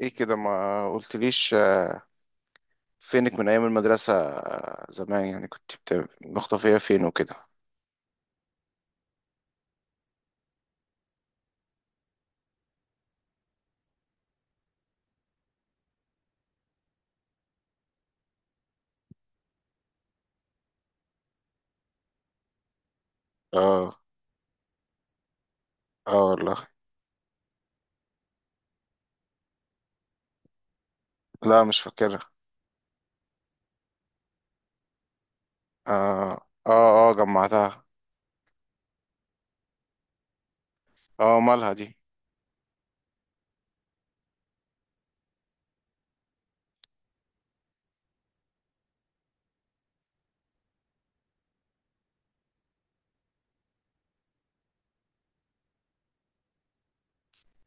ايه كده؟ ما قلتليش. فينك من ايام المدرسة؟ زمان يعني كنت مختفية فين وكده. اه. اه والله. لا، مش فاكرها. اه اه اه، جمعتها. اه، مالها دي؟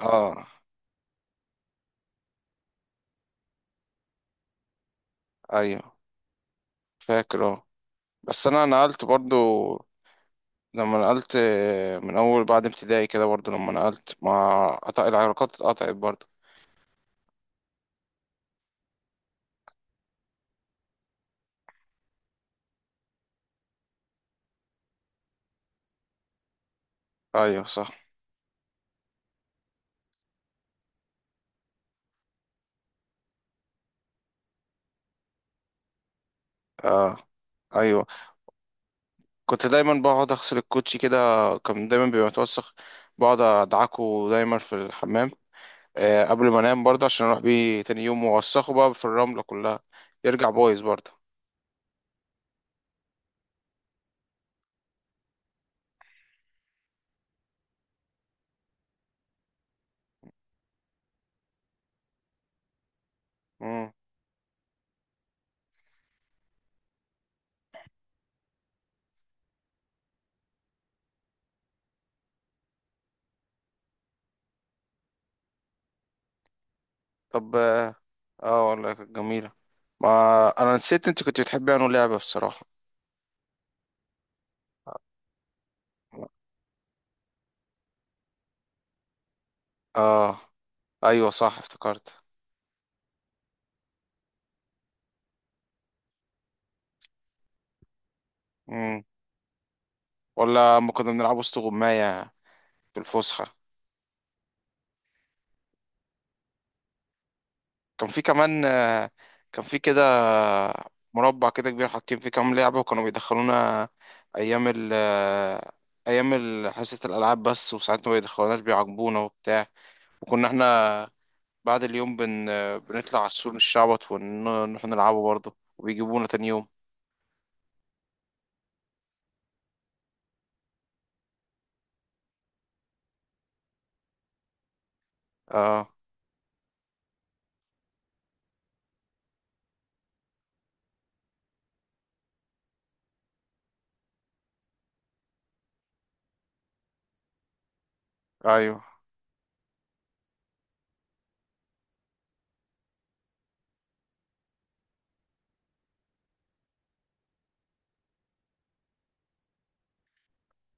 اه ايوه، فاكر. اه. بس انا نقلت برضو، لما نقلت من اول بعد ابتدائي كده برضو، لما نقلت ما قطع العلاقات اتقطعت برضو. ايوه صح. اه ايوه. كنت دايما بقعد اغسل الكوتشي كده، كان دايما بيبقى متوسخ. بقعد ادعكه دايما في الحمام قبل ما انام برضه عشان اروح بيه تاني يوم واوسخه بقى في الرملة كلها. يرجع بايظ برضه. مم. طب اه. والله كانت جميلة. ما انا نسيت انت كنت بتحبي انه لعبة بصراحة. اه ايوه صح، افتكرت. مم. ولا اما كنا بنلعب وسط غماية في الفسحة. كان في كمان كان في كده مربع كده كبير حاطين فيه كام لعبة وكانوا بيدخلونا. أيام ال آه، أيام ال- حصة الألعاب بس، وساعات ما بيدخلوناش بيعاقبونا وبتاع. وكنا احنا بعد اليوم بن آه، بنطلع على السور نشعبط ونروح نلعبه برضه وبيجيبونا تاني يوم. اه أيوه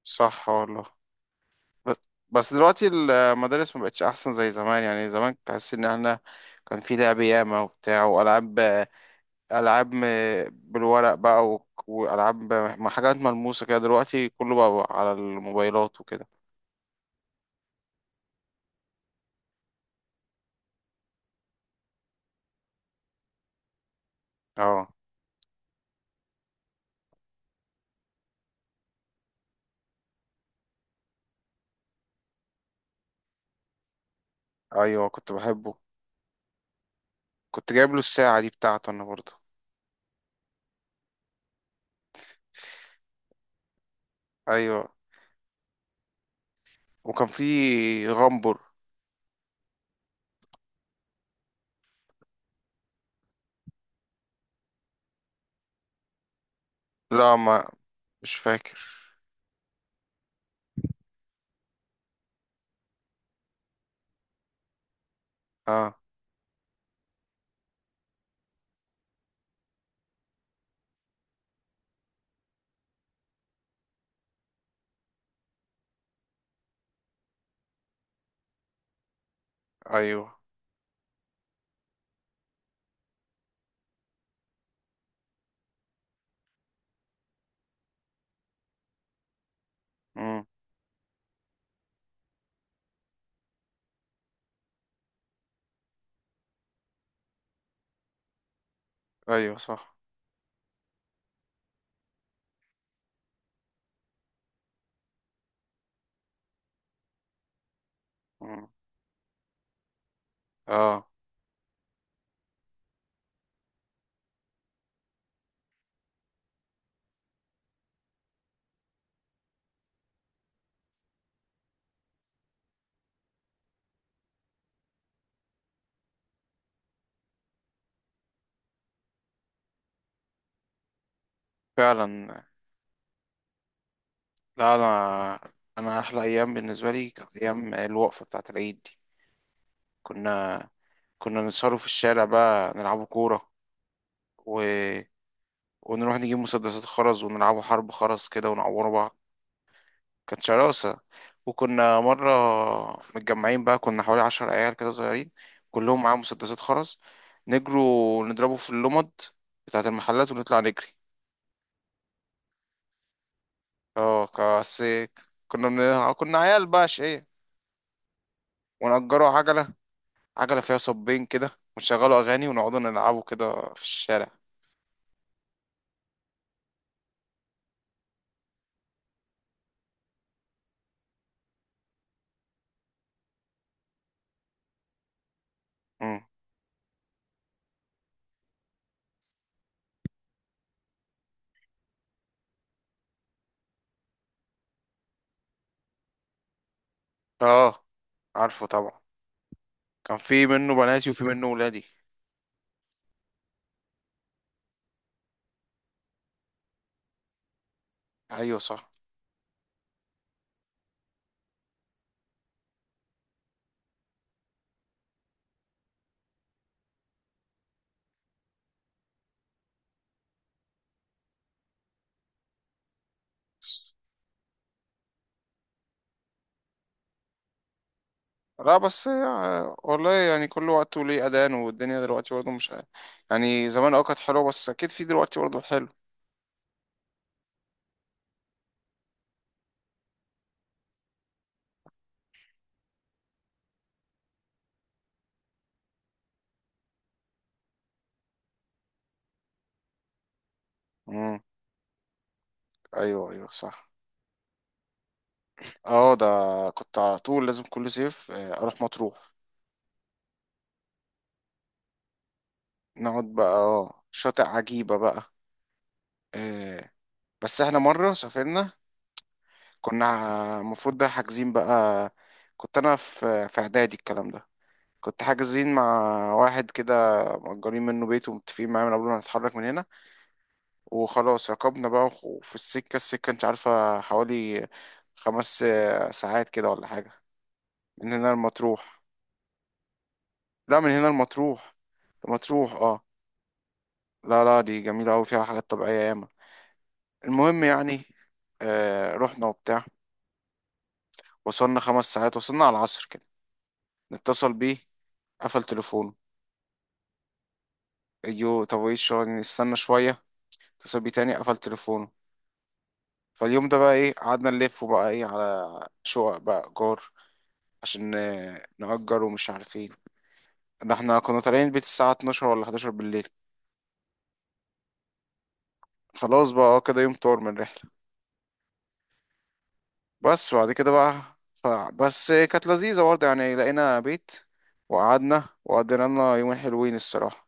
صح والله. ب- بس دلوقتي المدارس ما بقتش أحسن زي زمان، يعني زمان تحس إن احنا كان في لعب ياما وبتاع وألعاب. العاب بالورق بقى والعاب حاجات ملموسه كده، دلوقتي كله بقى على الموبايلات وكده. اه ايوه، كنت بحبه. كنت جايب له الساعه دي بتاعته انا برضه. ايوه. وكان في غمبر. لا ما مش فاكر. اه ايوه. امم. ايوه صح. مم. اه فعلا. لا، انا احلى ايام بالنسبه لي كانت ايام الوقفه بتاعه العيد دي. كنا كنا نسهروا في الشارع بقى نلعبوا كوره، و ونروح نجيب مسدسات خرز ونلعبوا حرب خرز كده ونعوروا بعض. كانت شراسة. وكنا مرة متجمعين بقى، كنا حوالي عشر عيال كده صغيرين، كلهم معاهم مسدسات خرز. نجروا ونضربوا في اللمض بتاعة المحلات ونطلع نجري. اه بس كنا عيال بقى شقية. ونأجروا عجلة، عجلة فيها صبين كده، ونشغلوا أغاني ونقعدوا نلعبوا كده في الشارع. مم. اه عارفه طبعا، كان في منه بناتي وفي منه ولادي. ايوه صح. لا بس هي والله، يعني كل وقت وليه أذان، والدنيا دلوقتي برضه مش، يعني زمان اه كانت حلوة، بس أكيد في دلوقتي برضه حلو. مم. أيوه أيوه صح. اه، ده كنت على طول لازم كل صيف أروح مطروح. نقعد بقى اه شاطئ عجيبة بقى. آه، بس احنا مرة سافرنا، كنا المفروض ده حاجزين بقى، كنت أنا في إعدادي الكلام ده، كنت حاجزين مع واحد كده مأجرين منه بيت ومتفقين معاه من قبل ما نتحرك من هنا. وخلاص ركبنا بقى وفي السكة، السكة انت عارفة حوالي خمس ساعات كده ولا حاجة. من هنا المطروح؟ لا، من هنا المطروح. مطروح اه. لا لا، دي جميلة أوي فيها حاجات طبيعية ياما. المهم يعني آه رحنا وبتاع. وصلنا خمس ساعات، وصلنا على العصر كده. نتصل بيه، قفل تليفونه. ايوه طب ايه الشغل، نستنى شوية. اتصل بيه تاني، قفل تليفونه. فاليوم ده بقى ايه، قعدنا نلف بقى ايه على شقق بقى ايجار عشان نأجر ومش عارفين. ده احنا كنا طالعين البيت الساعة 12 ولا 11 بالليل. خلاص بقى اه، كده يوم طار من الرحلة. بس بعد كده بقى ف... بس كانت لذيذة برضه، يعني لقينا بيت وقعدنا وقضينا لنا يومين حلوين الصراحة.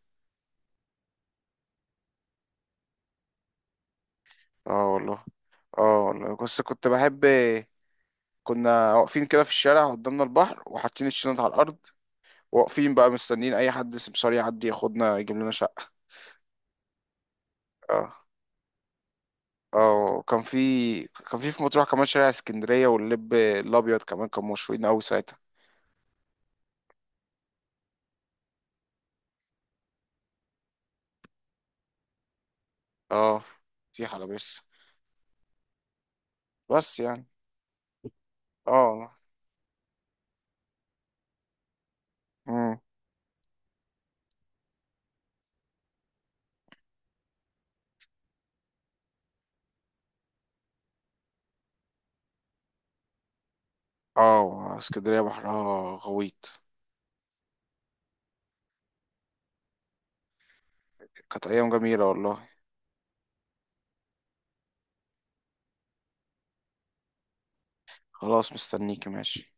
اه والله. اه والله بس كنت بحب. كنا واقفين كده في الشارع، قدامنا البحر وحاطين الشنط على الأرض، واقفين بقى مستنيين أي حد سمسار يعدي ياخدنا يجيب لنا شقة. اه. اه كان في، كان في مطروح كمان شارع اسكندرية واللب الأبيض كمان كانوا مشهورين أوي ساعتها. اه في حلبس. بس يعني اه. امم. اه اسكندرية بحرها غويط. كانت أيام جميلة والله. خلاص، مستنيكي ماشي.